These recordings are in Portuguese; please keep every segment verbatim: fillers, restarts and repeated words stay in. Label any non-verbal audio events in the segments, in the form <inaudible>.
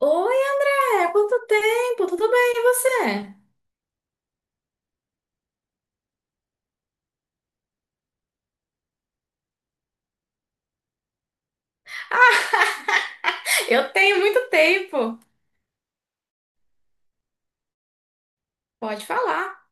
Oi, André, quanto tempo? Tudo bem, e você? Ah, <laughs> eu tenho muito tempo. Pode falar.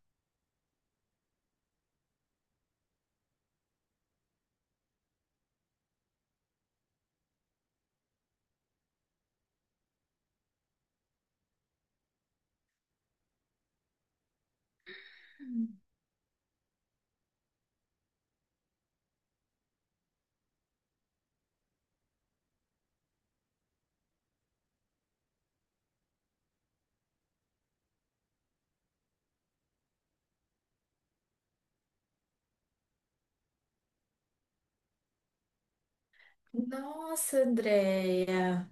Nossa, Andréia.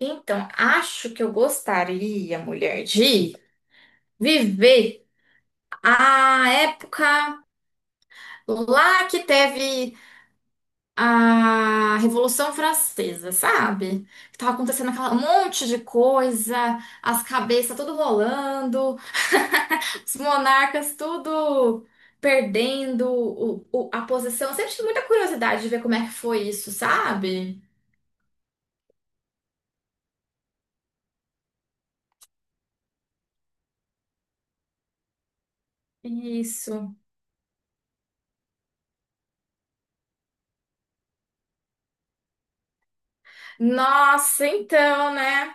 Então, acho que eu gostaria, mulher, de viver a época lá que teve a Revolução Francesa, sabe? Que tava acontecendo aquela um monte de coisa, as cabeças tudo rolando, <laughs> os monarcas tudo perdendo o- o- a posição. Eu sempre tive muita curiosidade de ver como é que foi isso, sabe? Isso. Nossa, então, né?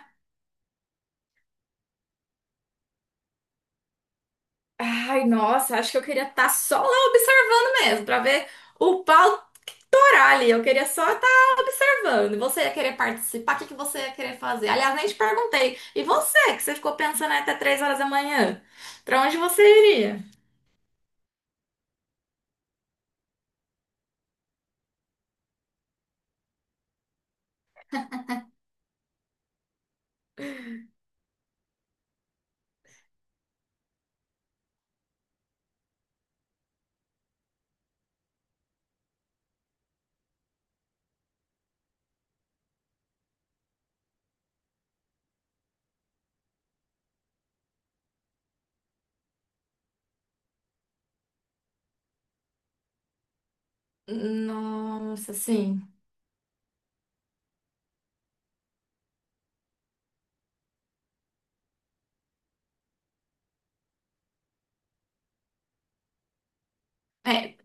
Ai, nossa, acho que eu queria estar só lá observando mesmo, pra ver o pau torar ali. Eu queria só estar observando. Você ia querer participar? O que que você ia querer fazer? Aliás, nem te perguntei. E você, que você ficou pensando aí até três horas da manhã? Pra onde você iria? Nossa, sim. É,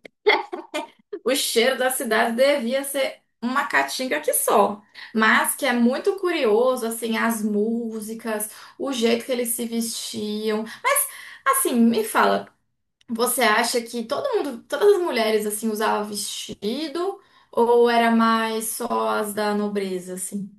o cheiro da cidade devia ser uma caatinga que só. Mas que é muito curioso, assim, as músicas, o jeito que eles se vestiam. Mas, assim, me fala. Você acha que todo mundo, todas as mulheres assim usavam vestido ou era mais só as da nobreza assim?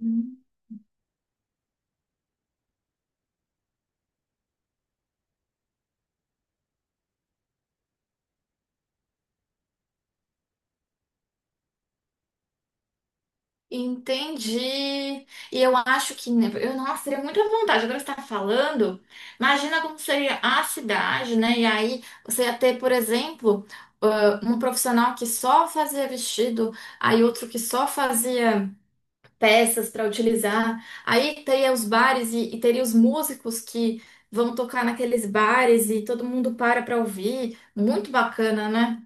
Hum. Entendi. E eu acho que, né, eu, nossa, teria muita vontade. Agora você está falando, imagina como seria a cidade, né? E aí você ia ter, por exemplo, ah, um profissional que só fazia vestido, aí outro que só fazia. Peças para utilizar. Aí teria os bares e, e teria os músicos que vão tocar naqueles bares e todo mundo para para ouvir. Muito bacana, né?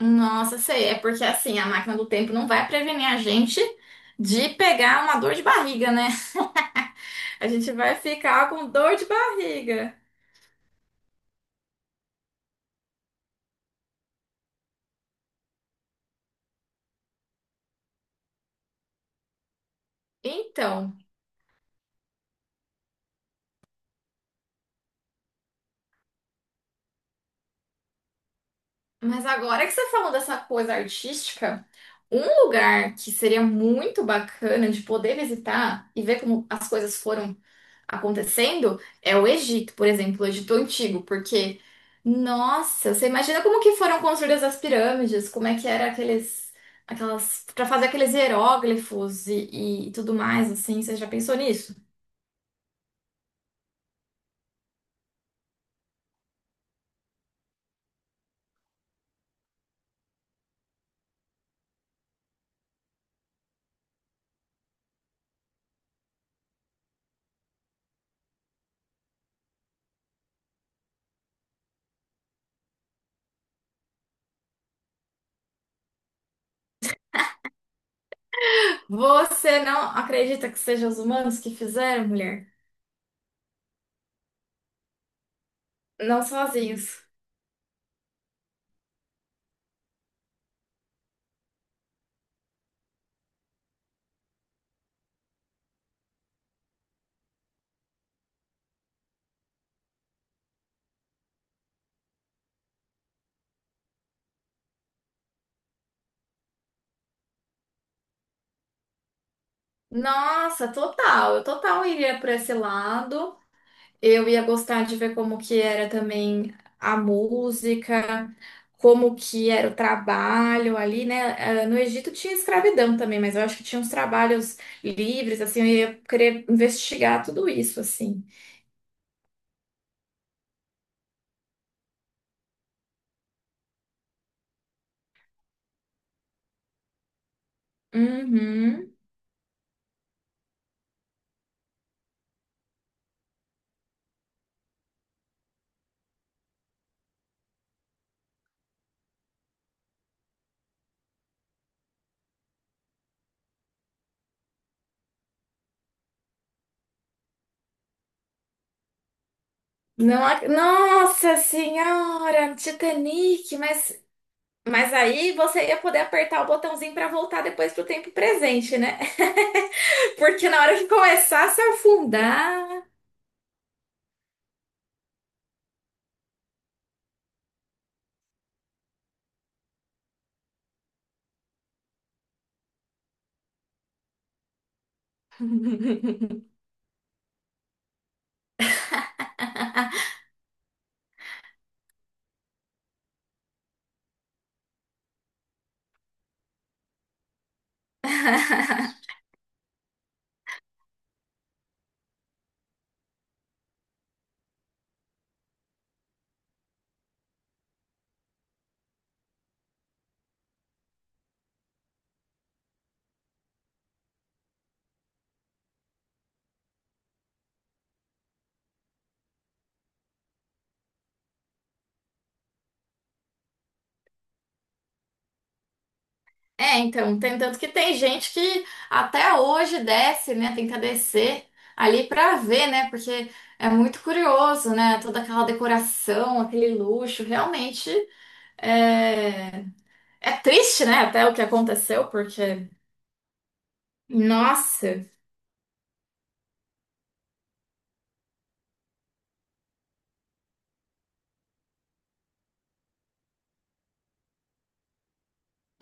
Nossa, sei, é porque assim, a máquina do tempo não vai prevenir a gente de pegar uma dor de barriga, né? <laughs> A gente vai ficar com dor de barriga. Então, mas agora que você falou dessa coisa artística, um lugar que seria muito bacana de poder visitar e ver como as coisas foram acontecendo é o Egito, por exemplo, o Egito Antigo, porque, nossa, você imagina como que foram construídas as pirâmides, como é que era aqueles, aquelas, para fazer aqueles hieróglifos e, e tudo mais, assim, você já pensou nisso? Você não acredita que sejam os humanos que fizeram, mulher? Não sozinhos. Nossa, total, eu total iria por esse lado. Eu ia gostar de ver como que era também a música, como que era o trabalho ali, né? Ah, no Egito tinha escravidão também, mas eu acho que tinha uns trabalhos livres, assim, eu ia querer investigar tudo isso, assim. Uhum. Não, ac- nossa senhora, Titanic, mas, mas aí você ia poder apertar o botãozinho para voltar depois pro tempo presente, né? <laughs> Porque na hora que começasse a afundar. <laughs> É, então, tem tanto que tem gente que até hoje desce, né? Tenta descer ali pra ver, né? Porque é muito curioso, né? Toda aquela decoração, aquele luxo, realmente é, é triste, né? Até o que aconteceu, porque nossa.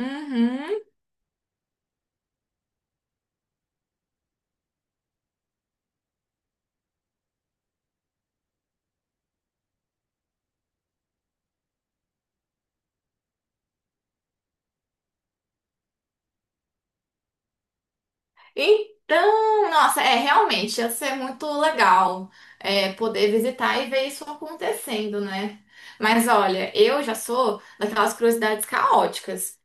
Uhum. Então, nossa, é realmente ia ser muito legal é, poder visitar e ver isso acontecendo, né? Mas olha, eu já sou daquelas curiosidades caóticas.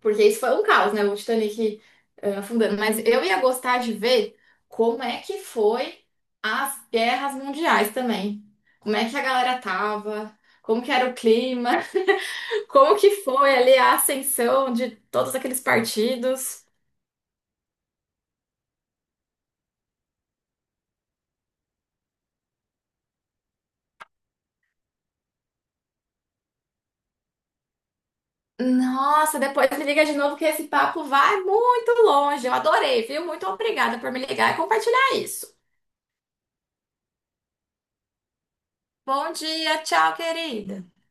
Porque isso foi um caos, né? O Titanic eh, afundando. Mas eu ia gostar de ver como é que foi as guerras mundiais também. Como é que a galera tava, como que era o clima, <laughs> como que foi ali a ascensão de todos aqueles partidos. Nossa, depois me liga de novo que esse papo vai muito longe. Eu adorei, viu? Muito obrigada por me ligar e compartilhar isso. Bom dia, tchau, querida.